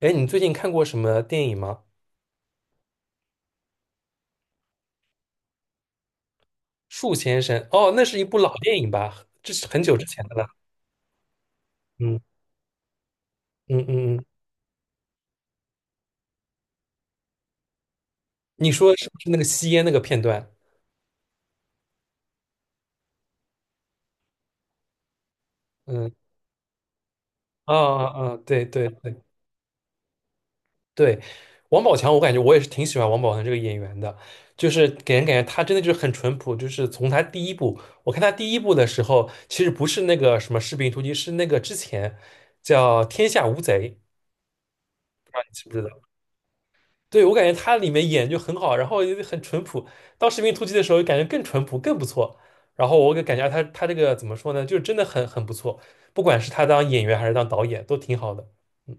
哎，你最近看过什么电影吗？《树先生》哦，那是一部老电影吧？这是很久之前的了。嗯嗯嗯嗯，你说是不是那个吸烟那个片段？嗯，啊啊啊，对对对对，王宝强，我感觉我也是挺喜欢王宝强这个演员的，就是给人感觉他真的就是很淳朴，就是从他第一部，我看他第一部的时候，其实不是那个什么《士兵突击》，是那个之前叫《天下无贼》，不对，我感觉他里面演就很好，然后也很淳朴。当《士兵突击》的时候，感觉更淳朴，更不错。然后我给感觉他这个怎么说呢，就是真的很不错，不管是他当演员还是当导演，都挺好的。嗯，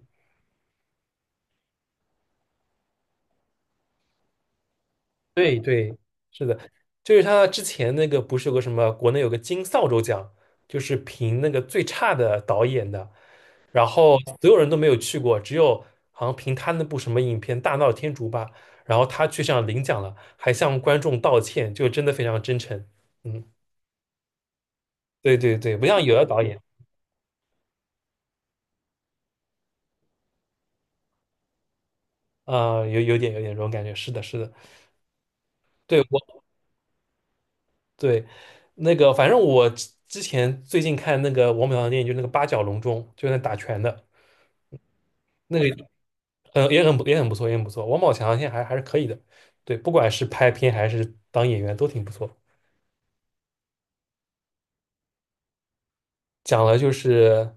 对对，是的，就是他之前那个不是有个什么国内有个金扫帚奖，就是评那个最差的导演的，然后所有人都没有去过，只有好像凭他那部什么影片《大闹天竺》吧，然后他去上领奖了，还向观众道歉，就真的非常真诚。嗯，对对对，不像有的导演，啊、有点这种感觉。是的，是的，对我对那个，反正我之前最近看那个王宝强的电影，就是那个《八角笼中》，就是那打拳的那个，嗯，也很不错，也很不错。王宝强现在还是可以的，对，不管是拍片还是当演员都挺不错。讲了就是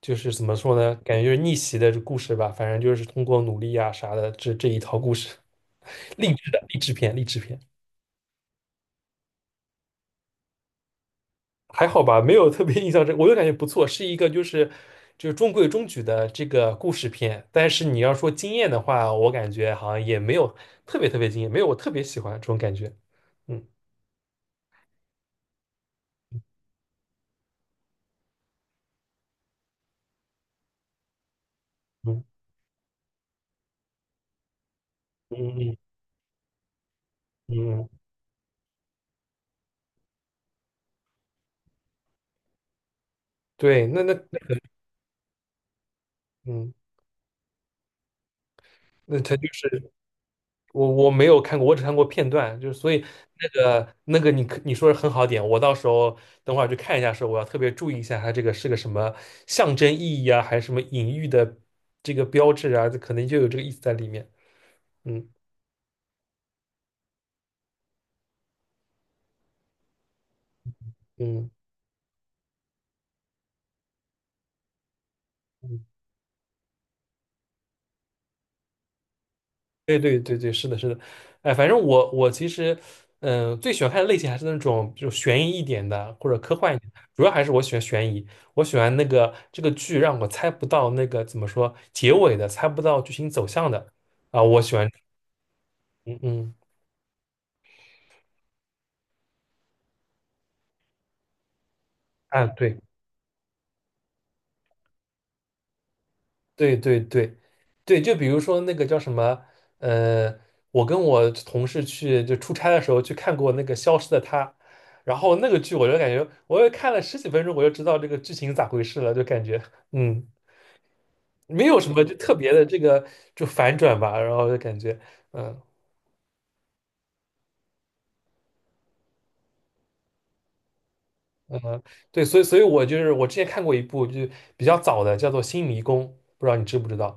就是怎么说呢？感觉就是逆袭的故事吧，反正就是通过努力啊啥的，这一套故事，励志的励志片，励志片还好吧，没有特别印象深，我就感觉不错，是一个就是中规中矩的这个故事片。但是你要说惊艳的话，我感觉好像也没有特别特别惊艳，没有我特别喜欢这种感觉。嗯嗯嗯嗯嗯，嗯对，嗯，那它就是。我没有看过，我只看过片段，就是所以那个你说的很好点，我到时候等会儿去看一下，时候我要特别注意一下它这个是个什么象征意义啊，还是什么隐喻的这个标志啊，这可能就有这个意思在里面。嗯嗯嗯对对对对，是的，是的，哎，反正我其实，最喜欢看的类型还是那种就悬疑一点的或者科幻一点，的，主要还是我喜欢悬疑，我喜欢那个这个剧让我猜不到那个怎么说结尾的，猜不到剧情走向的啊、我喜欢，嗯嗯，啊，对。对对对，对，就比如说那个叫什么，呃，我跟我同事去就出差的时候去看过那个《消失的她》，然后那个剧我就感觉，我又看了十几分钟，我就知道这个剧情咋回事了，就感觉，嗯，没有什么就特别的这个就反转吧，然后就感觉，嗯嗯，对，所以我就是我之前看过一部就比较早的，叫做《新迷宫》，不知道你知不知道，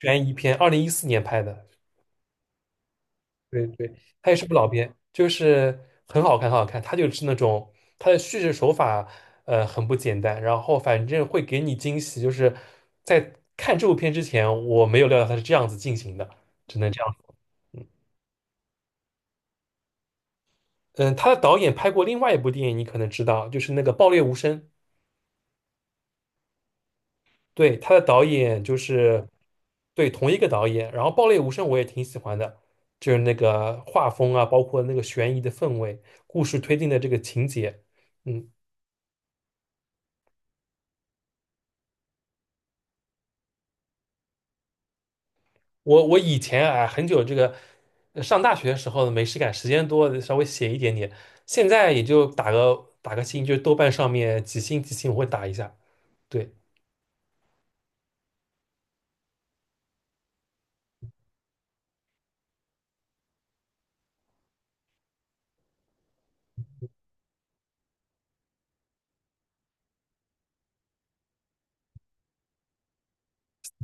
悬疑片，2014年拍的。对对，他也是部老片，就是很好看，很好看。他就是那种他的叙事手法，很不简单。然后反正会给你惊喜，就是在看这部片之前，我没有料到他是这样子进行的，只能这样。嗯，他的导演拍过另外一部电影，你可能知道，就是那个《爆裂无声》。对，他的导演就是对同一个导演。然后《爆裂无声》我也挺喜欢的，就是那个画风啊，包括那个悬疑的氛围，故事推进的这个情节，嗯。我以前啊，很久这个上大学的时候呢没事干，时间多稍微写一点点，现在也就打个星，就是豆瓣上面几星几星我会打一下。对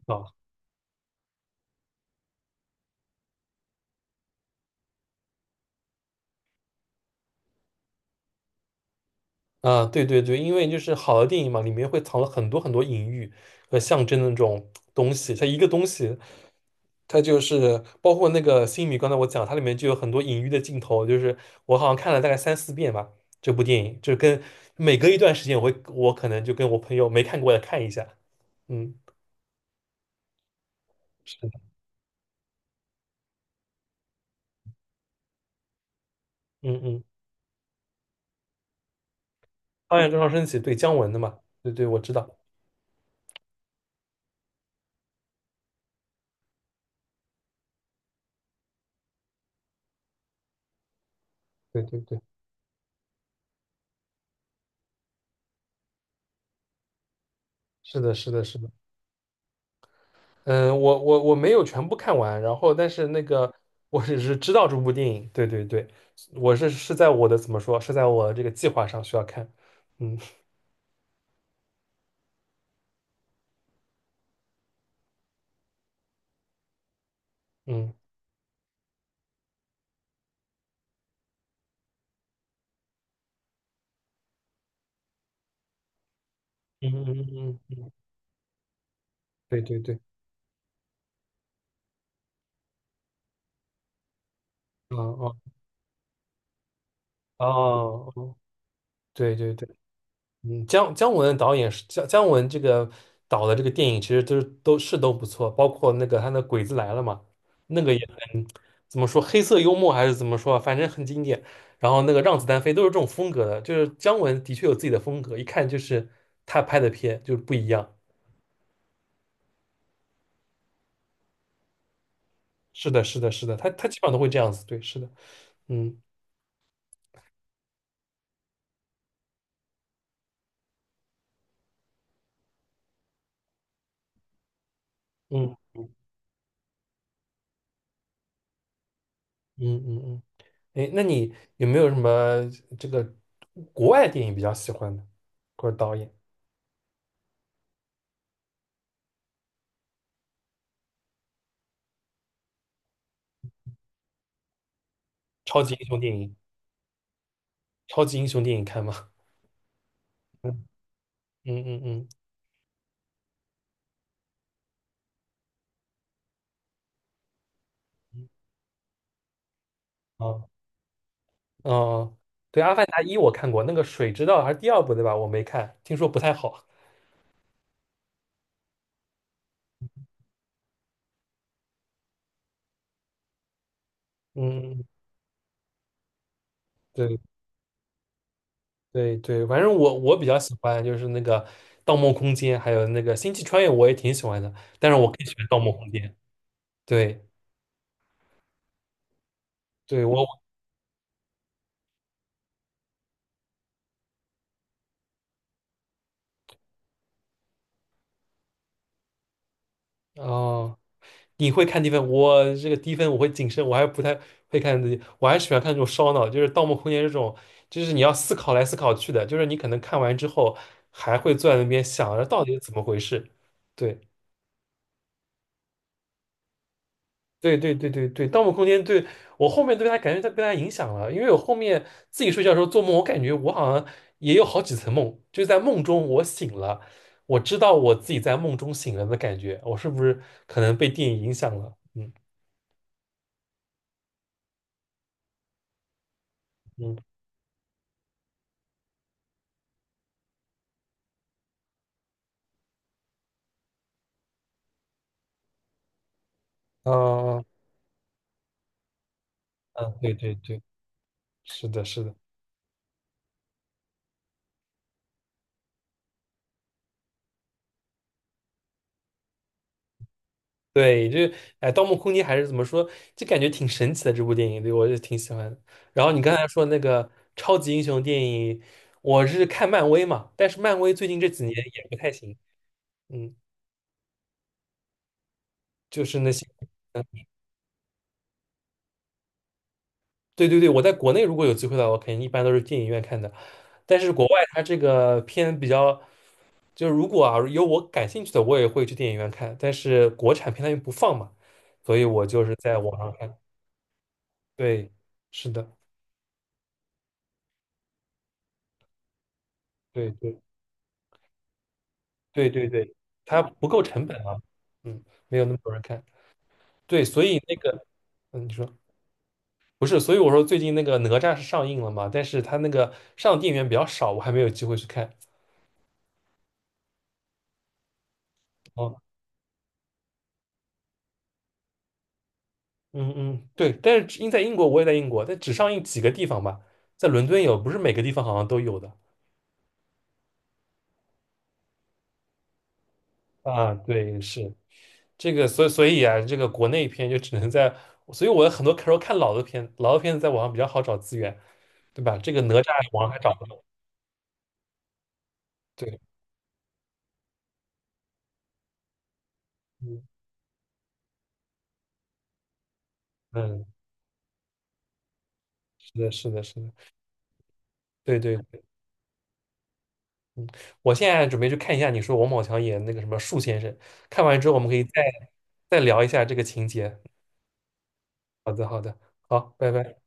啊啊，对对对，因为就是好的电影嘛，里面会藏了很多很多隐喻和象征的那种东西，它一个东西。它就是包括那个《星米》，刚才我讲，它里面就有很多隐喻的镜头，就是我好像看了大概三四遍吧，这部电影，就跟每隔一段时间我会，我可能就跟我朋友没看过的看一下，嗯，是的，嗯嗯，八月中上升起，对，姜文的嘛，对对，我知道，对对对，是的，是的，是的，嗯，我没有全部看完，然后但是那个我只是知道这部电影，对对对，我是在我的怎么说，是在我这个计划上需要看，嗯嗯嗯嗯嗯，嗯，对对对，啊哦哦哦，对对对。嗯，姜文导演是姜文这个导的这个电影，其实都是都不错，包括那个他那《鬼子来了》嘛，那个也很怎么说黑色幽默还是怎么说啊反正很经典。然后那个《让子弹飞》都是这种风格的，就是姜文的确有自己的风格，一看就是他拍的片就是不一样。是的，是的，是的，他基本上都会这样子，对，是的，嗯嗯嗯嗯嗯，哎，那你有没有什么这个国外电影比较喜欢的，或者导演、超级英雄电影？超级英雄电影看吗？嗯嗯嗯嗯，哦哦，对，《阿凡达一》我看过，那个水之道还是第二部对吧？我没看，听说不太好。嗯，嗯对对对，反正我比较喜欢就是那个《盗梦空间》，还有那个《星际穿越》，我也挺喜欢的。但是我更喜欢《盗梦空间》。对对，我哦，你会看低分，我这个低分我会谨慎，我还不太会看自己，我还喜欢看这种烧脑，就是《盗墓空间》这种，就是你要思考来思考去的，就是你可能看完之后还会坐在那边想着到底是怎么回事。对对对对对对，《盗墓空间》对我后面对它感觉它被它影响了，因为我后面自己睡觉的时候做梦，我感觉我好像也有好几层梦，就是在梦中我醒了，我知道我自己在梦中醒了的感觉，我是不是可能被电影影响了？嗯嗯。嗯嗯，对对对，是的，是的，对，这哎，《盗墓空间》还是怎么说，就感觉挺神奇的这部电影，对我就挺喜欢的。然后你刚才说那个超级英雄电影，我是看漫威嘛，但是漫威最近这几年也不太行，嗯，就是那些，嗯，对对对，我在国内如果有机会的话，我肯定一般都是电影院看的，但是国外它这个片比较，就是如果啊有我感兴趣的，我也会去电影院看，但是国产片它又不放嘛，所以我就是在网上看，对，是的。对对对对对，它不够成本啊，嗯，没有那么多人看。对，所以那个，嗯，你说不是，所以我说最近那个哪吒是上映了嘛，但是它那个上电影院比较少，我还没有机会去看。哦，嗯嗯，对，但是因在英国，我也在英国，但只上映几个地方吧，在伦敦有，不是每个地方好像都有的。啊，对，是这个，所以啊，这个国内片就只能在，所以我有很多时候看老的片，老的片子在网上比较好找资源，对吧？这个哪吒网上还找不到。对。嗯。嗯，是的，是的，是的，对对，我现在准备去看一下你说王宝强演那个什么树先生，看完之后我们可以再聊一下这个情节。好的，好的，好，拜拜。